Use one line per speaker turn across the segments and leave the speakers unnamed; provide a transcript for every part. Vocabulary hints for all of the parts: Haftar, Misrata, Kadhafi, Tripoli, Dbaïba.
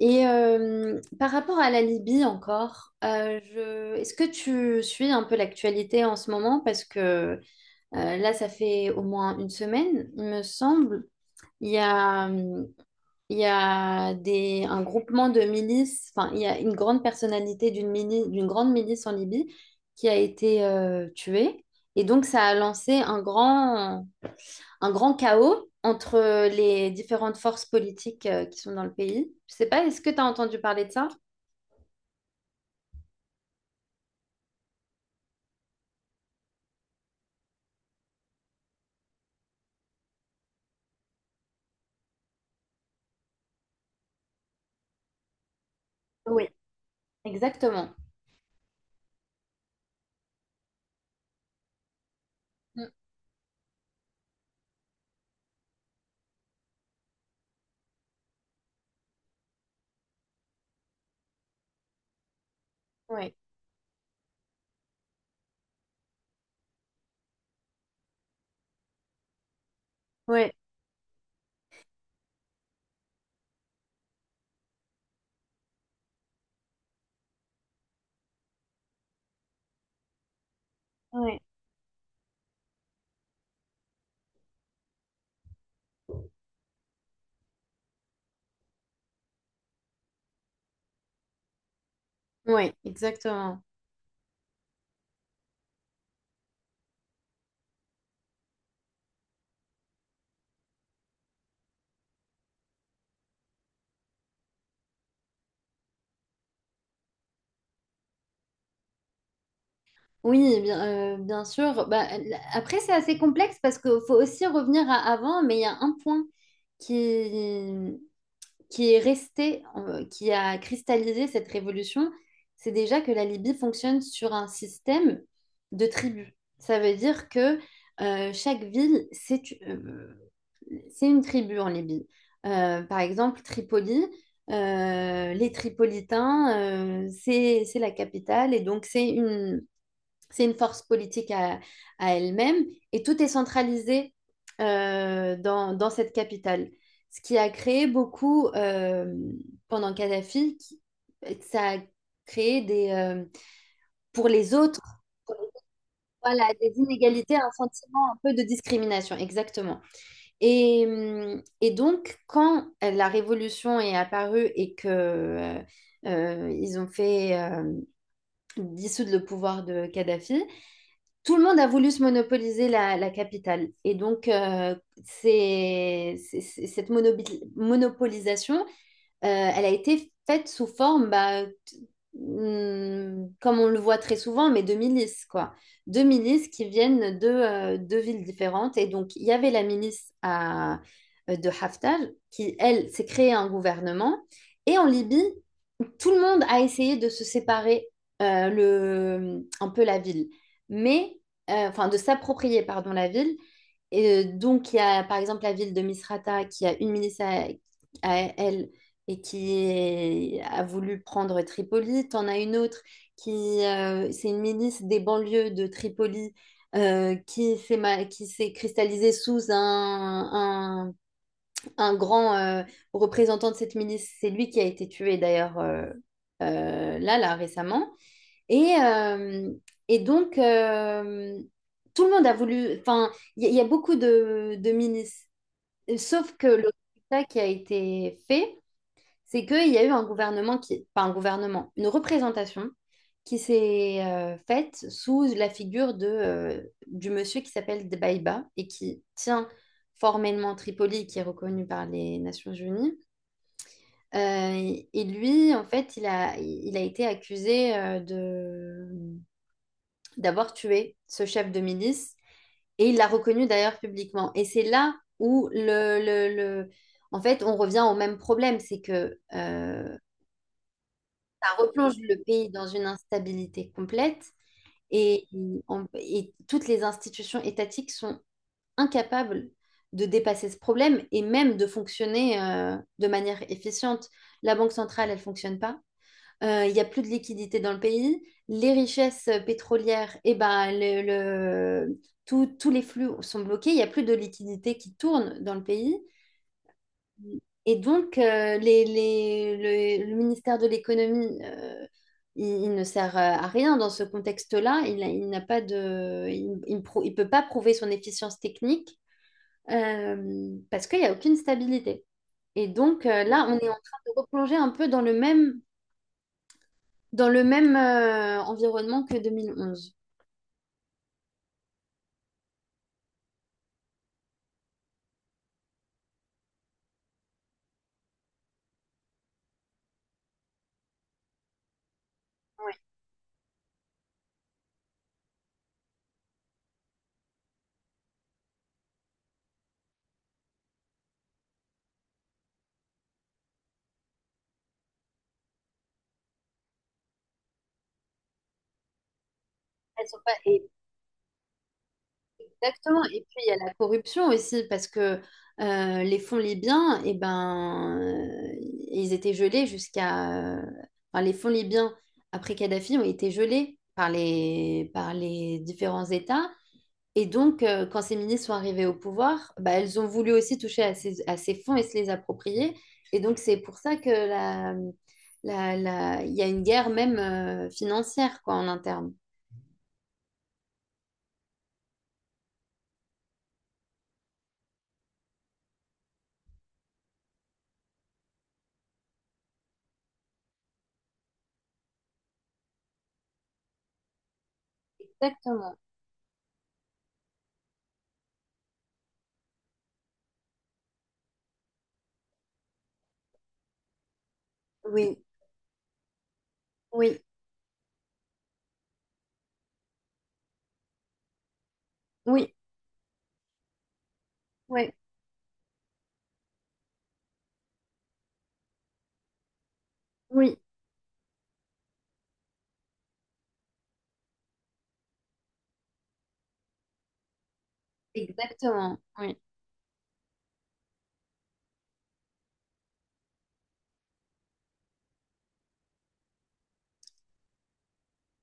Et par rapport à la Libye encore, est-ce que tu suis un peu l'actualité en ce moment? Parce que là, ça fait au moins une semaine, il me semble. Il y a, un groupement de milices, enfin, il y a une grande personnalité d'une grande milice en Libye qui a été tuée. Et donc, ça a lancé un grand chaos entre les différentes forces politiques qui sont dans le pays. Je sais pas, est-ce que tu as entendu parler de ça? Oui, exactement. Mm. Oui, oui, oui, oui, exactement. Oui, bien, bien sûr. Bah, après, c'est assez complexe parce qu'il faut aussi revenir à avant, mais il y a un point qui, qui est resté, qui a cristallisé cette révolution, c'est déjà que la Libye fonctionne sur un système de tribus. Ça veut dire que chaque ville, c'est une tribu en Libye. Par exemple, Tripoli, les Tripolitains, c'est la capitale et donc c'est une force politique à elle-même et tout est centralisé dans cette capitale. Ce qui a créé beaucoup, pendant Kadhafi, ça a créé pour les autres, voilà, des inégalités, un sentiment un peu de discrimination, exactement. Et donc, quand la Révolution est apparue et que ils ont fait dissoudre le pouvoir de Kadhafi, tout le monde a voulu se monopoliser la capitale. Et donc, cette monopolisation euh, elle a été faite sous forme, bah, comme on le voit très souvent, mais de milices, quoi. De milices qui viennent de deux villes différentes. Et donc, il y avait de Haftar, qui, elle, s'est créée un gouvernement. Et en Libye, tout le monde a essayé de se séparer un peu la ville, mais enfin de s'approprier pardon la ville. Et donc il y a par exemple la ville de Misrata qui a une milice à elle et a voulu prendre Tripoli. T'en as une autre qui c'est une milice des banlieues de Tripoli qui qui s'est cristallisée sous un grand représentant de cette milice. C'est lui qui a été tué d'ailleurs là, récemment. Et, euh, et donc, euh, tout le monde a voulu. Enfin, il y a beaucoup de milices. Sauf que le résultat qui a été fait, c'est qu'il y a eu un gouvernement qui, pas un gouvernement, une représentation qui s'est faite sous la figure du monsieur qui s'appelle Dbaïba et qui tient formellement Tripoli, qui est reconnu par les Nations Unies. Et lui, en fait, il a été accusé d'avoir tué ce chef de milice et il l'a reconnu d'ailleurs publiquement. Et c'est là où en fait, on revient au même problème, c'est que replonge le pays dans une instabilité complète et, et toutes les institutions étatiques sont incapables de dépasser ce problème et même de fonctionner de manière efficiente. La Banque centrale, elle fonctionne pas. Il n'y a plus de liquidité dans le pays. Les richesses pétrolières, eh ben, tous les flux sont bloqués. Il n'y a plus de liquidité qui tourne dans le pays. Et donc, le ministère de l'économie, il ne sert à rien dans ce contexte-là. Il n'a pas il il peut pas prouver son efficience technique parce qu'il n'y a aucune stabilité. Et donc, là, on est en train de replonger un peu dans dans le même environnement que 2011. Elles sont pas- et Exactement. Et puis il y a la corruption aussi, parce que les fonds libyens, eh ben, ils étaient gelés jusqu'à. Enfin, les fonds libyens après Kadhafi ont été gelés par par les différents États. Et donc, quand ces ministres sont arrivés au pouvoir, bah, elles ont voulu aussi toucher à à ces fonds et se les approprier. Et donc, c'est pour ça que il y a une guerre même financière quoi, en interne. Exactement. Oui, oui, oui, oui, oui. Exactement, oui.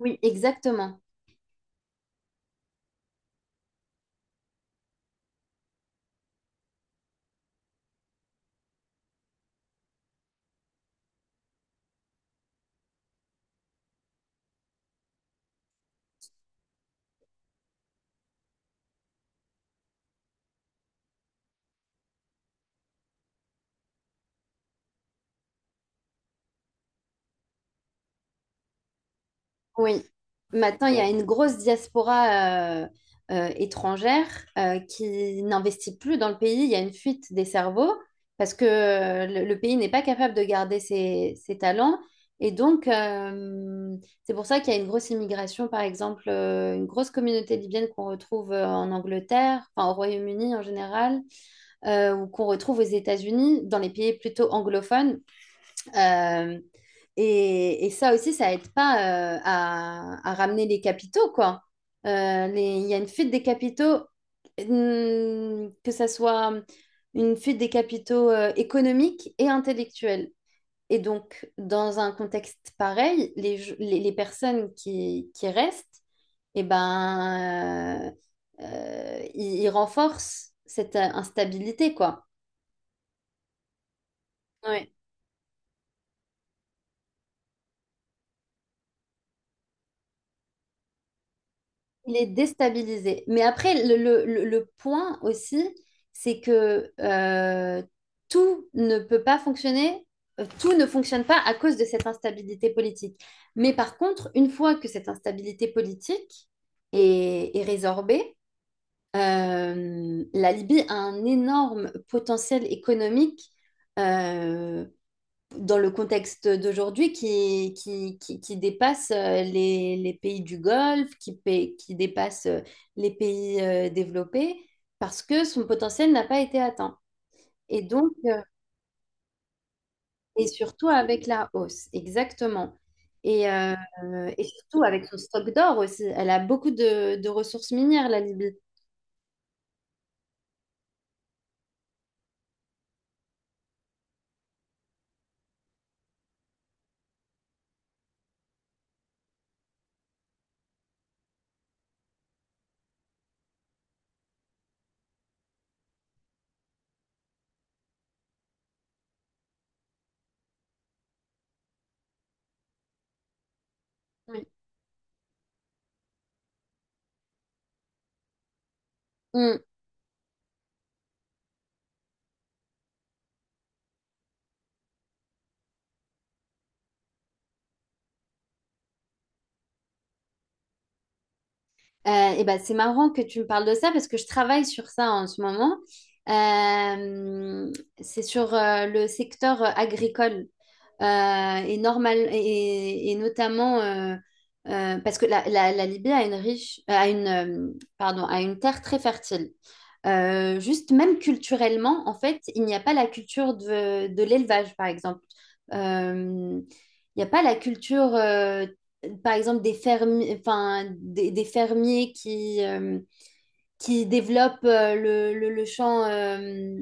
Oui, exactement. Oui. Maintenant, il y a une grosse diaspora étrangère qui n'investit plus dans le pays. Il y a une fuite des cerveaux parce que le pays n'est pas capable de garder ses talents. Et donc, c'est pour ça qu'il y a une grosse immigration, par exemple, une grosse communauté libyenne qu'on retrouve en Angleterre, enfin au Royaume-Uni en général, ou qu'on retrouve aux États-Unis, dans les pays plutôt anglophones. Euh, et ça aussi, ça aide pas à ramener les capitaux, quoi. Il y a une fuite des capitaux, que ça soit une fuite des capitaux économiques et intellectuels. Et donc, dans un contexte pareil, les personnes qui restent, eh ben, ils renforcent cette instabilité, quoi. Il est déstabilisé. Mais après, le point aussi, c'est que tout ne peut pas fonctionner, tout ne fonctionne pas à cause de cette instabilité politique. Mais par contre, une fois que cette instabilité politique est résorbée, la Libye a un énorme potentiel économique euh, dans le contexte d'aujourd'hui qui dépasse les pays du Golfe, qui dépasse les pays développés, parce que son potentiel n'a pas été atteint. Et donc, et surtout avec la hausse, exactement. Et, euh, et surtout avec son stock d'or aussi. Elle a beaucoup de ressources minières, la Libye. Oui. Et ben, c'est marrant que tu me parles de ça parce que je travaille sur ça en ce moment. Euh, c'est sur le secteur agricole et notamment parce que la Libye pardon, a une terre très fertile. Juste même culturellement, en fait, il n'y a pas la culture de l'élevage, par exemple. Euh, il n'y a pas la culture, par exemple, des fermiers, enfin, des fermiers qui développe le champ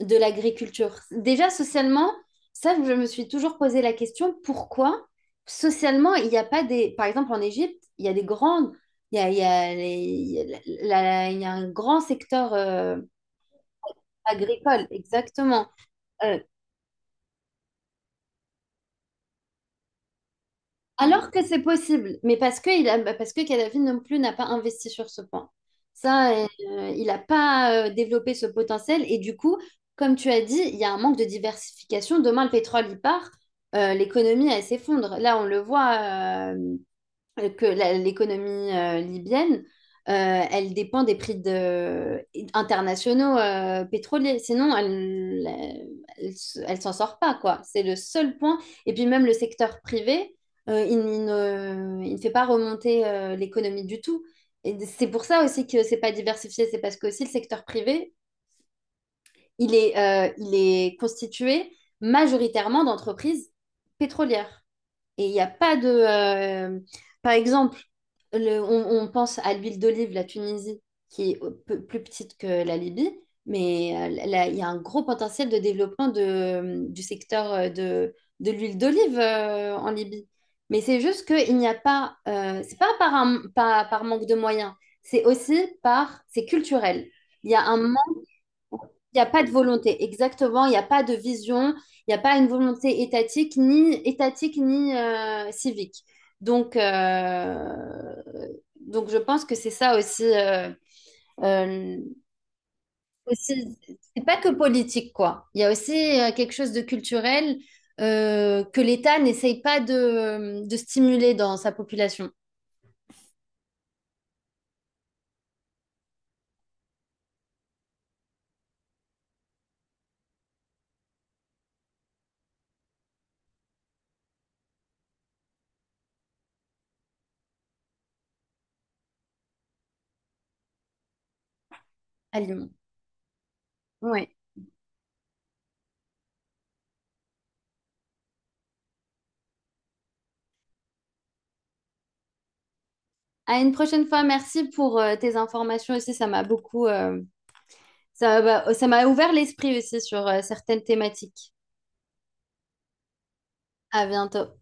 de l'agriculture. Déjà, socialement, ça, je me suis toujours posé la question, pourquoi socialement, il n'y a pas des... Par exemple, en Égypte, il y a des grandes... il y a les- il y a la- la- il y a un grand secteur agricole, exactement. Euh, Alors que c'est possible, mais parce que, bah, parce que Kadhafi non plus n'a pas investi sur ce point. Ça, euh, il n'a pas développé ce potentiel. Et du coup, comme tu as dit, il y a un manque de diversification. Demain, le pétrole, il part, l'économie, elle s'effondre. Là, on le voit, que l'économie libyenne, elle dépend des internationaux pétroliers. Sinon, elle s'en sort pas, quoi. C'est le seul point. Et puis même le secteur privé, il ne fait pas remonter l'économie du tout. Et c'est pour ça aussi que c'est pas diversifié. C'est parce que aussi le secteur privé, il est constitué majoritairement d'entreprises pétrolières. Et il n'y a pas par exemple, on pense à l'huile d'olive, la Tunisie, qui est plus petite que la Libye, mais là, il y a un gros potentiel de développement du secteur de l'huile d'olive en Libye. Mais c'est juste qu'il n'y a pas... c'est pas par manque de moyens, c'est aussi par... C'est culturel. Il y a un il n'y a pas de volonté, exactement. Il n'y a pas de vision. Il n'y a pas une volonté étatique, ni civique. Donc, je pense que c'est ça euh, aussi, c'est pas que politique, quoi. Il y a aussi quelque chose de culturel que l'État n'essaye pas de stimuler dans sa population. À Lyon. Ouais. À une prochaine fois. Merci pour tes informations aussi. Ça va- ça m'a ouvert l'esprit aussi sur certaines thématiques. À bientôt.